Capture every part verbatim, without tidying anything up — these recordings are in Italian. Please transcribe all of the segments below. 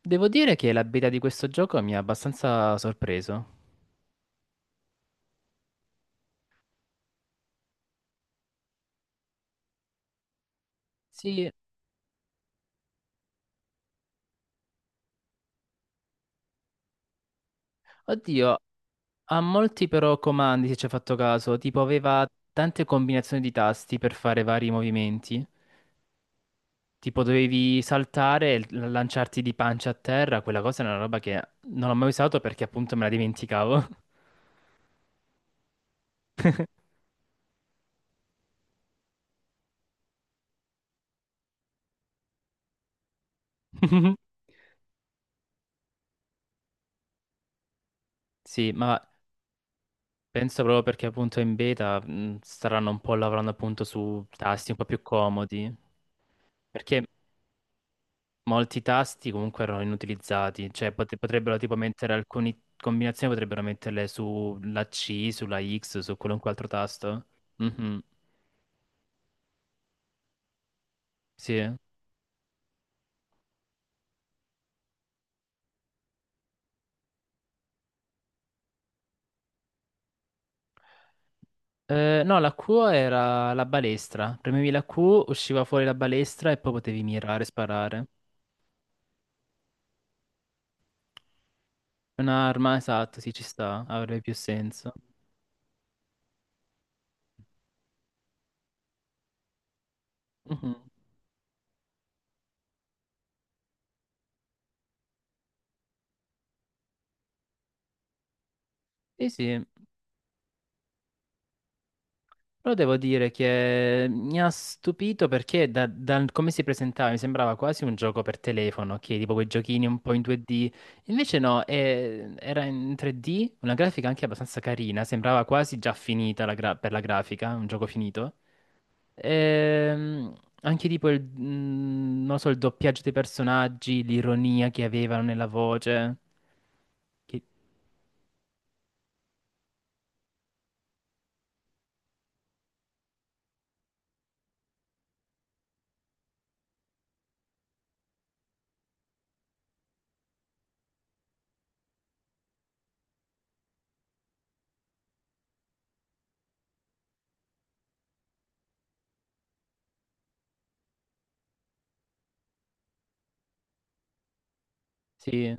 Devo dire che la beta di questo gioco mi ha abbastanza sorpreso. Sì, oddio, ha molti però comandi, se ci hai fatto caso, tipo aveva tante combinazioni di tasti per fare vari movimenti. Tipo dovevi saltare e l- lanciarti di pancia a terra, quella cosa è una roba che non ho mai usato perché appunto me la dimenticavo. Sì, ma penso proprio perché appunto in beta mh, staranno un po' lavorando appunto su tasti un po' più comodi. Perché molti tasti comunque erano inutilizzati, cioè pote- potrebbero tipo mettere alcune combinazioni, potrebbero metterle sulla C, sulla X, su qualunque altro tasto. Mhm. Sì. Eh, no, la Q era la balestra. Premevi la Q, usciva fuori la balestra e poi potevi mirare e sparare. Un'arma, esatto, sì, ci sta, avrebbe più senso. Mhm. Sì, sì. Però devo dire che mi ha stupito perché da, dal come si presentava mi sembrava quasi un gioco per telefono, che tipo quei giochini un po' in due D. Invece no, eh, era in tre D, una grafica anche abbastanza carina, sembrava quasi già finita la gra- per la grafica, un gioco finito. Ehm, anche tipo il, mm, non lo so, il doppiaggio dei personaggi, l'ironia che avevano nella voce. che- sì.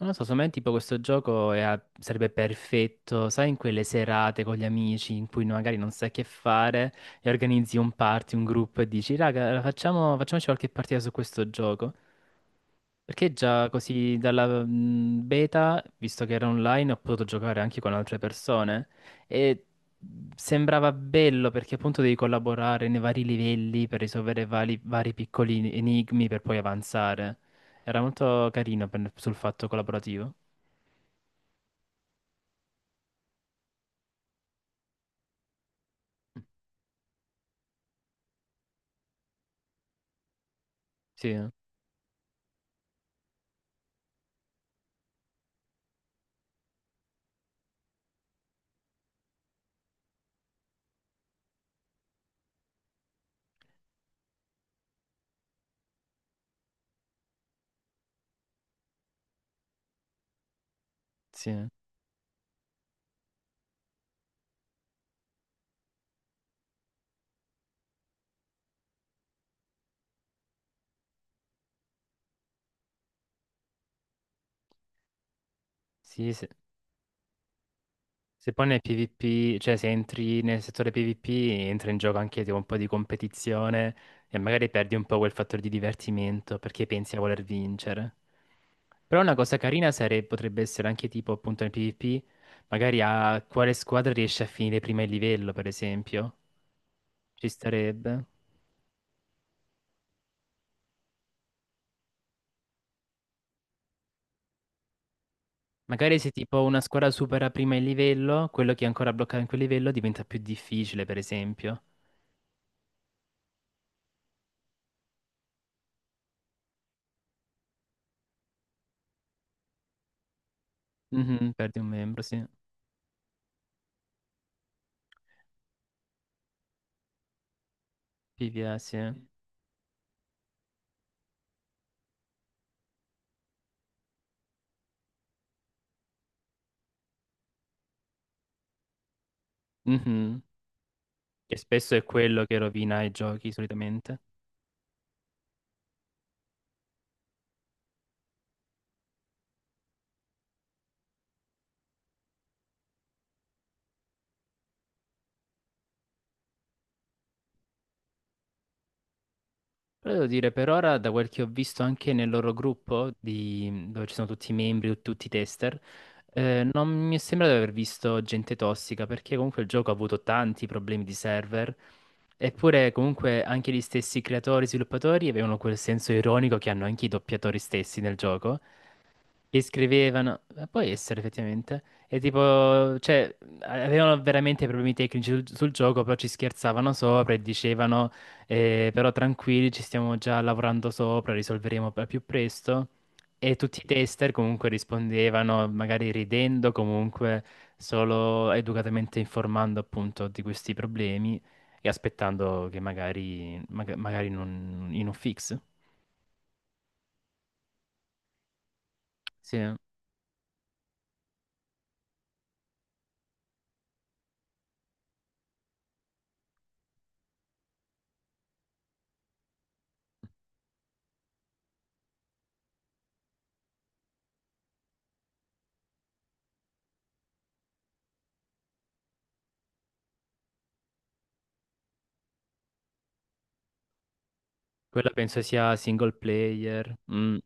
Non lo so, secondo me tipo questo gioco è a- sarebbe perfetto, sai, in quelle serate con gli amici in cui magari non sai che fare e organizzi un party, un gruppo e dici, raga, allora facciamo, facciamoci qualche partita su questo gioco. Perché già così dalla mm, beta, visto che era online, ho potuto giocare anche con altre persone e sembrava bello perché appunto devi collaborare nei vari livelli per risolvere vari, vari piccoli enigmi per poi avanzare. Era molto carino per- sul fatto collaborativo. Sì, sì, sì, sì. Se poi nel PvP, cioè se entri nel settore PvP, entra in gioco anche tipo un po' di competizione e magari perdi un po' quel fattore di divertimento perché pensi a voler vincere. Però una cosa carina sare- potrebbe essere anche tipo appunto nel PvP, magari a quale squadra riesce a finire prima il livello, per esempio. Ci starebbe. Magari se tipo una squadra supera prima il livello, quello che è ancora bloccato in quel livello diventa più difficile, per esempio. Mhm, perdi un membro, sì. PvE, sì. Mhm. Che spesso è quello che rovina i giochi solitamente. Però devo dire, per ora, da quel che ho visto anche nel loro gruppo, di- dove ci sono tutti i membri, tutti i tester, eh, non mi è sembrato di aver visto gente tossica, perché comunque il gioco ha avuto tanti problemi di server, eppure comunque anche gli stessi creatori e sviluppatori avevano quel senso ironico che hanno anche i doppiatori stessi nel gioco, gli scrivevano, eh, può essere effettivamente, e tipo, cioè, avevano veramente problemi tecnici sul, sul gioco, però ci scherzavano sopra e dicevano, eh, però tranquilli, ci stiamo già lavorando sopra, risolveremo al più presto. E tutti i tester comunque rispondevano, magari ridendo, comunque solo educatamente informando appunto di questi problemi e aspettando che magari, maga- magari non, in un fix. Sì, quella penso sia single player. Mm.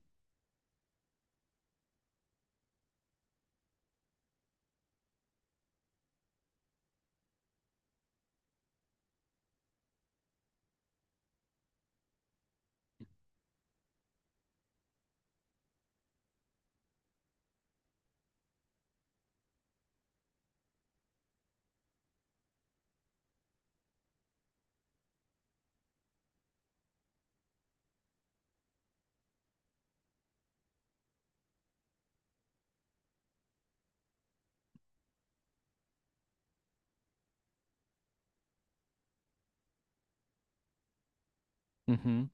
Mhm.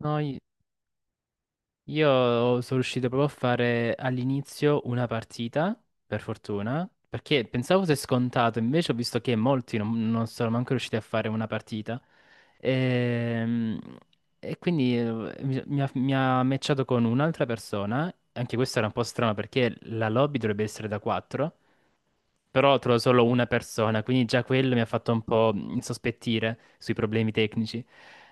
No, i- io sono riuscito proprio a fare all'inizio una partita, per fortuna, perché pensavo fosse scontato, invece ho visto che molti non, non sono manco riusciti a fare una partita. Ehm, E, quindi eh, mi, mi ha, mi ha matchato con un'altra persona, anche questo era un po' strano perché la lobby dovrebbe essere da quattro. Però trovo solo una persona, quindi già quello mi ha fatto un po' insospettire sui problemi tecnici.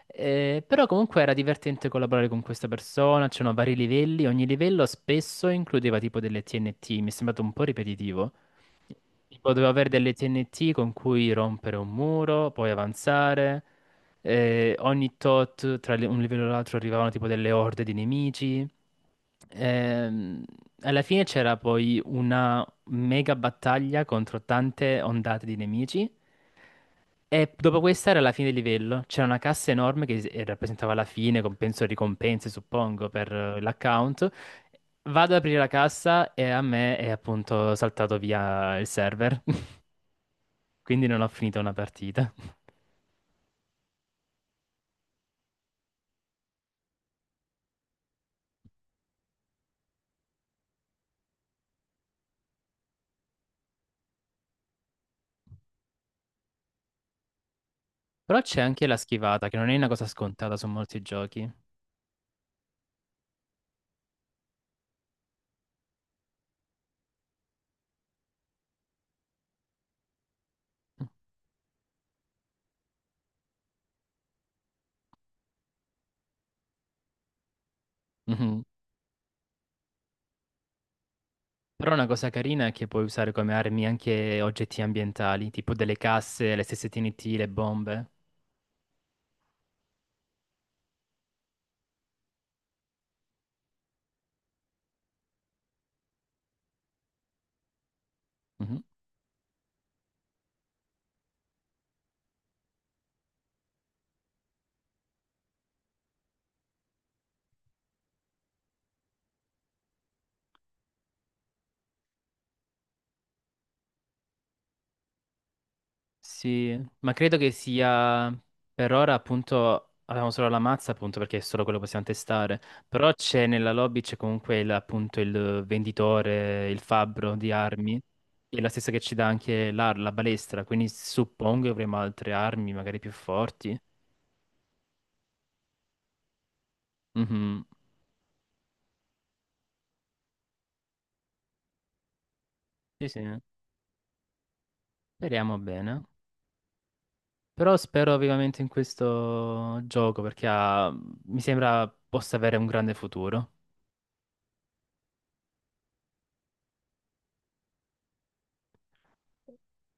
Eh, però comunque era divertente collaborare con questa persona, c'erano vari livelli, ogni livello spesso includeva tipo delle T N T, mi è sembrato un po' ripetitivo. Tipo dovevo avere delle T N T con cui rompere un muro, poi avanzare. Eh, ogni tot tra le- un livello e l'altro arrivavano tipo delle orde di nemici. Ehm, alla fine c'era poi una- mega battaglia contro tante ondate di nemici. E dopo questa era la fine del livello. C'era una cassa enorme che eh, rappresentava la fine, compenso e ricompense, suppongo, per eh, l'account. Vado ad aprire la cassa e a me è appunto saltato via il server. Quindi non ho finito una partita. Però c'è anche la schivata, che non è una cosa scontata su molti giochi. Mhm. Però una cosa carina è che puoi usare come armi anche oggetti ambientali, tipo delle casse, le stesse T N T, le bombe. Mm-hmm. Sì, ma credo che sia per ora appunto abbiamo solo la mazza appunto perché è solo quello che possiamo testare, però c'è nella lobby c'è comunque il- appunto il venditore, il fabbro di armi, che è la stessa che ci dà anche l'ar- la, balestra, quindi suppongo che avremo altre armi magari più forti. Mhm. Sì, sì, speriamo bene. Però spero vivamente in questo gioco perché ha- mi sembra possa avere un grande futuro.